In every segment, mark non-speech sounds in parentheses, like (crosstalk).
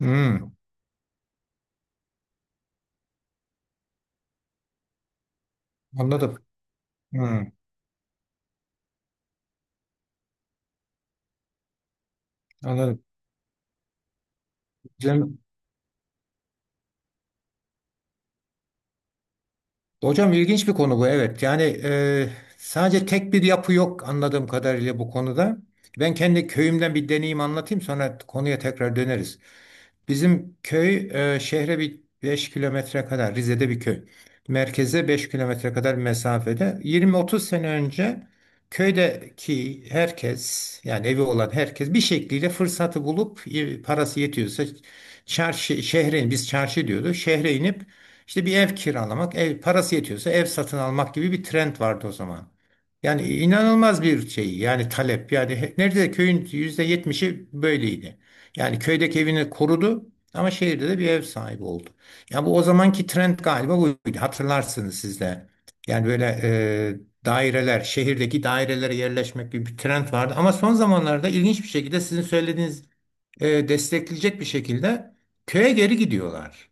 Hmm, anladım. Hmm, anladım. Hocam, hocam ilginç bir konu bu. Evet. Sadece tek bir yapı yok anladığım kadarıyla bu konuda. Ben kendi köyümden bir deneyim anlatayım sonra konuya tekrar döneriz. Bizim köy şehre bir 5 kilometre kadar Rize'de bir köy. Merkeze 5 kilometre kadar bir mesafede. 20 30 sene önce köydeki herkes yani evi olan herkes bir şekliyle fırsatı bulup parası yetiyorsa çarşı şehre biz çarşı diyordu. Şehre inip işte bir ev kiralamak, ev parası yetiyorsa ev satın almak gibi bir trend vardı o zaman. Yani inanılmaz bir şey yani talep yani neredeyse köyün %70'i böyleydi. Yani köydeki evini korudu ama şehirde de bir ev sahibi oldu. Ya bu o zamanki trend galiba buydu. Hatırlarsınız siz de. Yani böyle daireler, şehirdeki dairelere yerleşmek gibi bir trend vardı. Ama son zamanlarda ilginç bir şekilde sizin söylediğiniz destekleyecek bir şekilde köye geri gidiyorlar.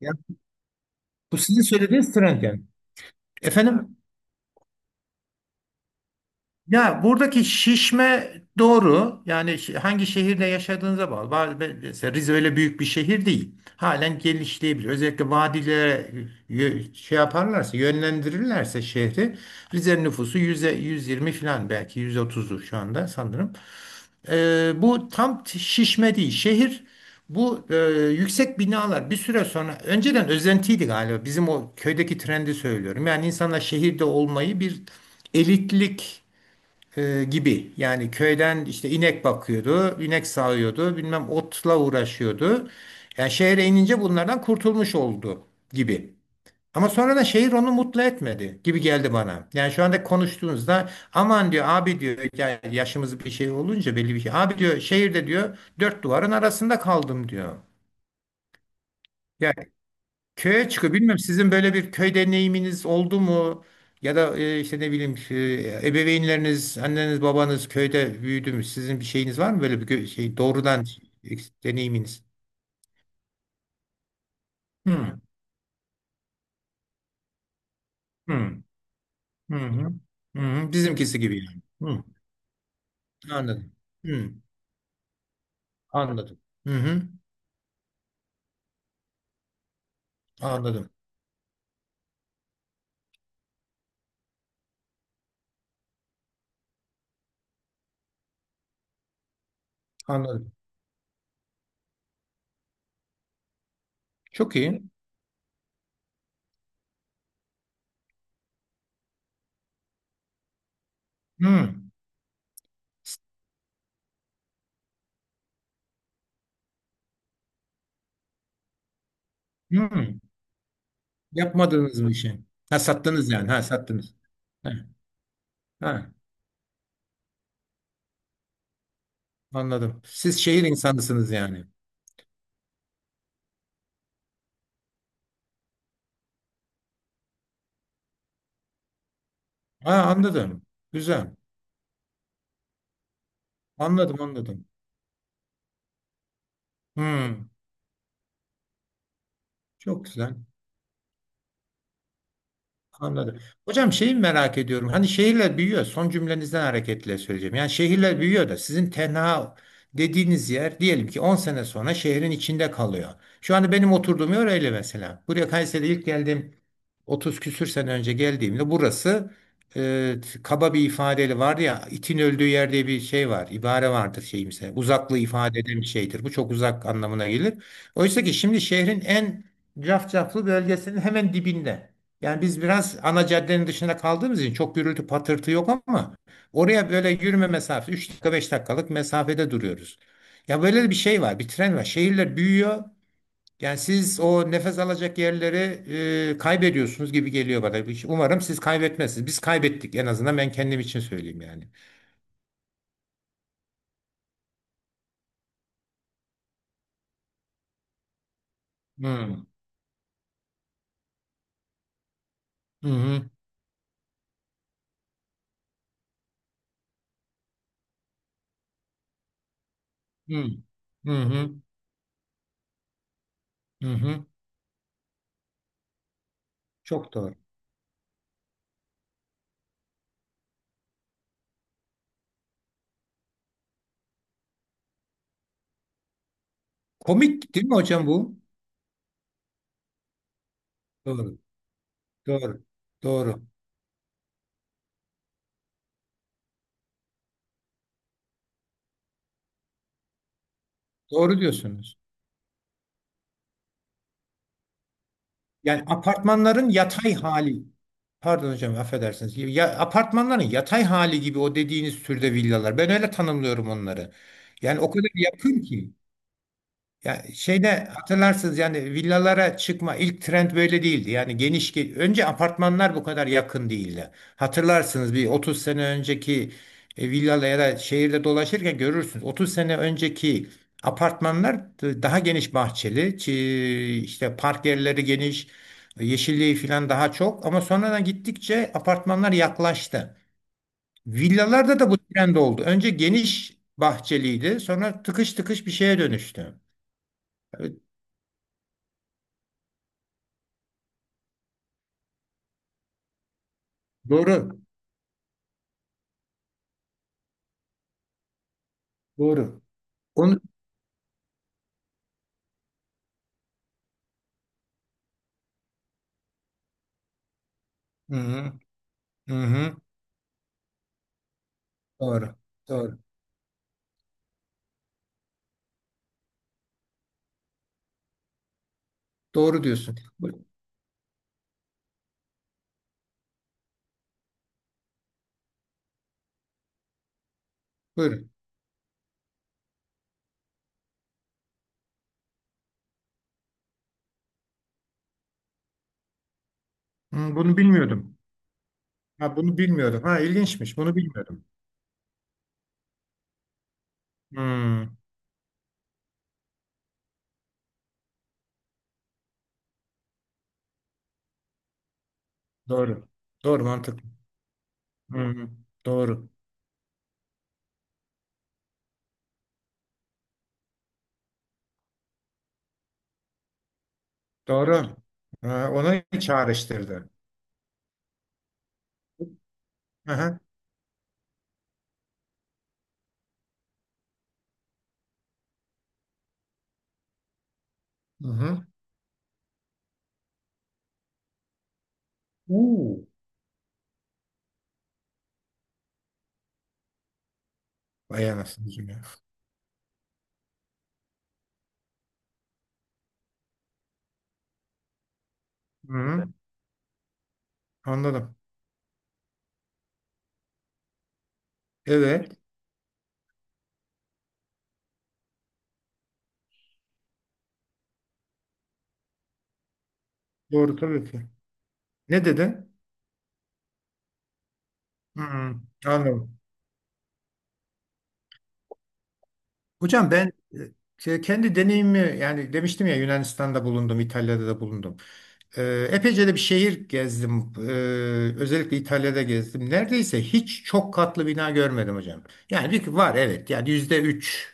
Ya bu sizin söylediğiniz trend yani. Efendim? Ya buradaki şişme doğru. Yani hangi şehirde yaşadığınıza bağlı. Bazı- Mesela Rize öyle büyük bir şehir değil. Halen genişleyebilir. Özellikle vadilere şey yaparlarsa, yönlendirirlerse şehri. Rize'nin nüfusu 100'e 120 falan belki 130'u şu anda sanırım. Bu tam şişme değil. Şehir bu, yüksek binalar bir süre sonra önceden özentiydi galiba. Bizim o köydeki trendi söylüyorum. Yani insanlar şehirde olmayı bir elitlik gibi. Yani köyden işte inek bakıyordu, inek sağıyordu, bilmem otla uğraşıyordu. Yani şehre inince bunlardan kurtulmuş oldu gibi. Ama sonradan şehir onu mutlu etmedi gibi geldi bana. Yani şu anda konuştuğunuzda aman diyor abi diyor ya yaşımız bir şey olunca belli bir şey. Abi diyor şehirde diyor dört duvarın arasında kaldım diyor. Köye çıkıyor. Bilmiyorum sizin böyle bir köy deneyiminiz oldu mu? Ya da işte ne bileyim ebeveynleriniz, anneniz, babanız köyde büyüdü mü? Sizin bir şeyiniz var mı böyle bir şey doğrudan e, deneyiminiz? Hı hı hı hı. Hı hı. Bizimkisi gibi yani. Hı, anladım. Hı, anladım. Hı hı, anladım. Anladım. Çok iyi. Hı, hı. Yapmadığınız mı işi? Ha sattınız yani. Ha sattınız. Ha, ha, anladım. Siz şehir insanısınız yani. Ha, anladım. Güzel. Anladım, anladım. Hmm, çok güzel. Anladım. Hocam şeyi merak ediyorum. Hani şehirler büyüyor. Son cümlenizden hareketle söyleyeceğim. Yani şehirler büyüyor da sizin tenha dediğiniz yer diyelim ki 10 sene sonra şehrin içinde kalıyor. Şu anda benim oturduğum yer öyle mesela. Buraya Kayseri'de ilk geldiğim 30 küsür sene önce geldiğimde burası e, kaba bir ifadeyle var ya itin öldüğü yer diye bir şey var. İbare vardır şeyimse. Uzaklığı ifade eden bir şeydir. Bu çok uzak anlamına gelir. Oysa ki şimdi şehrin en cafcaflı bölgesinin hemen dibinde. Yani biz biraz ana caddenin dışında kaldığımız için çok gürültü patırtı yok ama oraya böyle yürüme mesafesi 3 dakika 5 dakikalık mesafede duruyoruz. Ya böyle bir şey var, bir tren var. Şehirler büyüyor. Yani siz o nefes alacak yerleri kaybediyorsunuz gibi geliyor bana. Umarım siz kaybetmezsiniz. Biz kaybettik, en azından ben kendim için söyleyeyim yani. Hmm. Hı hı. Hı hı. Hı hı. Hı. Çok doğru. Komik değil mi hocam bu? Doğru. Doğru. Doğru. Doğru diyorsunuz. Yani apartmanların yatay hali. Pardon hocam, affedersiniz. Ya, apartmanların yatay hali gibi o dediğiniz türde villalar. Ben öyle tanımlıyorum onları. Yani o kadar yakın ki. Ya şeyde hatırlarsınız yani villalara çıkma ilk trend böyle değildi. Yani önce apartmanlar bu kadar yakın değildi. Hatırlarsınız bir 30 sene önceki villala ya da şehirde dolaşırken görürsünüz. 30 sene önceki apartmanlar daha geniş bahçeli, işte park yerleri geniş, yeşilliği falan daha çok ama sonradan gittikçe apartmanlar yaklaştı. Villalarda da bu trend oldu. Önce geniş bahçeliydi, sonra tıkış tıkış bir şeye dönüştü. Doğru. Doğru. Onu... Hı hı. Hı hı. Doğru. Doğru. Doğru diyorsun. Bu- Buyurun. Hı, bunu bilmiyordum. Ha, bunu bilmiyordum. Ha, ilginçmiş. Bunu bilmiyordum. Hı, doğru. Doğru, mantıklı. Hı, doğru. Doğru. Ha, ona çağrıştırdı. Hı hı. Hı hı. Uu. Vay anasını satayım ya. Hı hı. Anladım. Evet. Doğru tabii ki. Ne dedin? Hı hı. Anladım. Hocam ben kendi deneyimi yani demiştim ya Yunanistan'da bulundum, İtalya'da da bulundum. Epeyce de bir şehir gezdim. Özellikle İtalya'da gezdim. Neredeyse hiç çok katlı bina görmedim hocam. Yani bir var evet yani %3,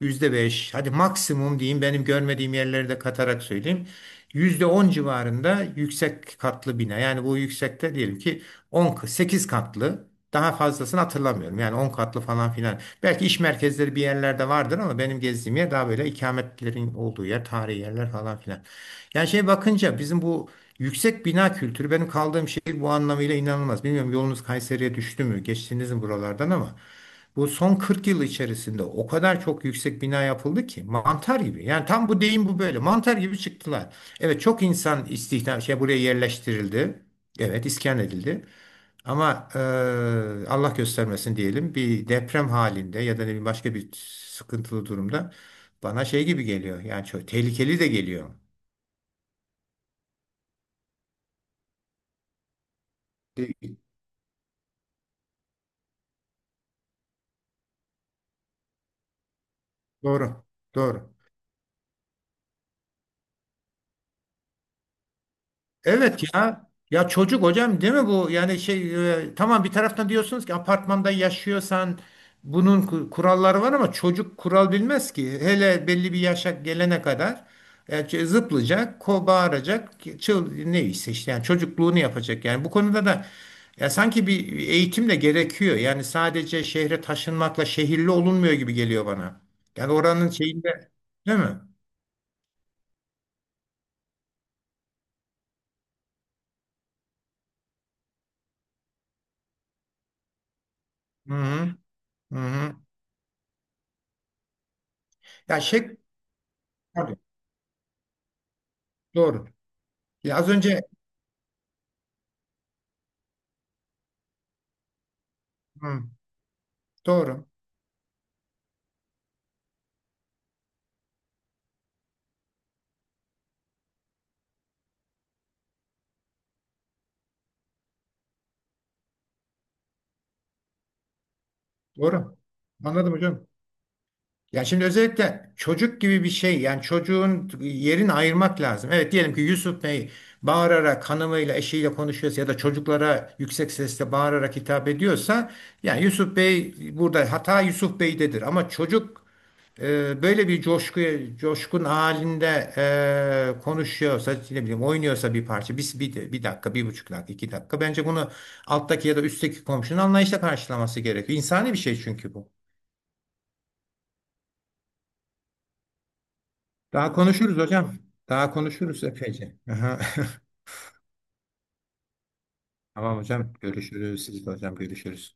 yüzde beş hadi maksimum diyeyim benim görmediğim yerleri de katarak söyleyeyim. %10 civarında yüksek katlı bina. Yani bu yüksekte diyelim ki 10, 8 katlı daha fazlasını hatırlamıyorum. Yani 10 katlı falan filan. Belki iş merkezleri bir yerlerde vardır ama benim gezdiğim yer daha böyle ikametlerin olduğu yer, tarihi yerler falan filan. Yani şey bakınca bizim bu yüksek bina kültürü benim kaldığım şehir bu anlamıyla inanılmaz. Bilmiyorum yolunuz Kayseri'ye düştü mü? Geçtiniz mi buralardan ama bu son 40 yıl içerisinde o kadar çok yüksek bina yapıldı ki mantar gibi. Yani tam bu deyim bu böyle. Mantar gibi çıktılar. Evet çok insan istihdam şey buraya yerleştirildi. Evet iskan edildi. Ama Allah göstermesin diyelim bir deprem halinde ya da ne bileyim başka bir sıkıntılı durumda bana şey gibi geliyor. Yani çok tehlikeli de geliyor. Değil. Doğru. Doğru. Evet ya. Ya çocuk hocam değil mi bu? Yani tamam bir taraftan diyorsunuz ki apartmanda yaşıyorsan bunun kuralları var ama çocuk kural bilmez ki. Hele belli bir yaşa gelene kadar zıplayacak, ko bağıracak, çıl neyse işte yani çocukluğunu yapacak. Yani bu konuda da ya sanki bir eğitim de gerekiyor. Yani sadece şehre taşınmakla şehirli olunmuyor gibi geliyor bana. Yani oranın şeyinde değil mi? Hı hı. Hı hı. Ya şey. Tabii, doğru. Ya az önce. Hı, doğru. Doğru. Anladım hocam. Ya şimdi özellikle çocuk gibi bir şey yani çocuğun yerini ayırmak lazım. Evet diyelim ki Yusuf Bey bağırarak hanımıyla eşiyle konuşuyorsa ya da çocuklara yüksek sesle bağırarak hitap ediyorsa yani Yusuf Bey burada hata Yusuf Bey'dedir ama çocuk. Böyle bir coşku, coşkun halinde konuşuyorsa, ne bileyim oynuyorsa bir parça, bir dakika, bir buçuk dakika, iki dakika. Bence bunu alttaki ya da üstteki komşunun anlayışla karşılaması gerekiyor. İnsani bir şey çünkü bu. Daha konuşuruz hocam. Daha konuşuruz epeyce. Aha. (laughs) Tamam hocam. Görüşürüz. Siz de hocam görüşürüz.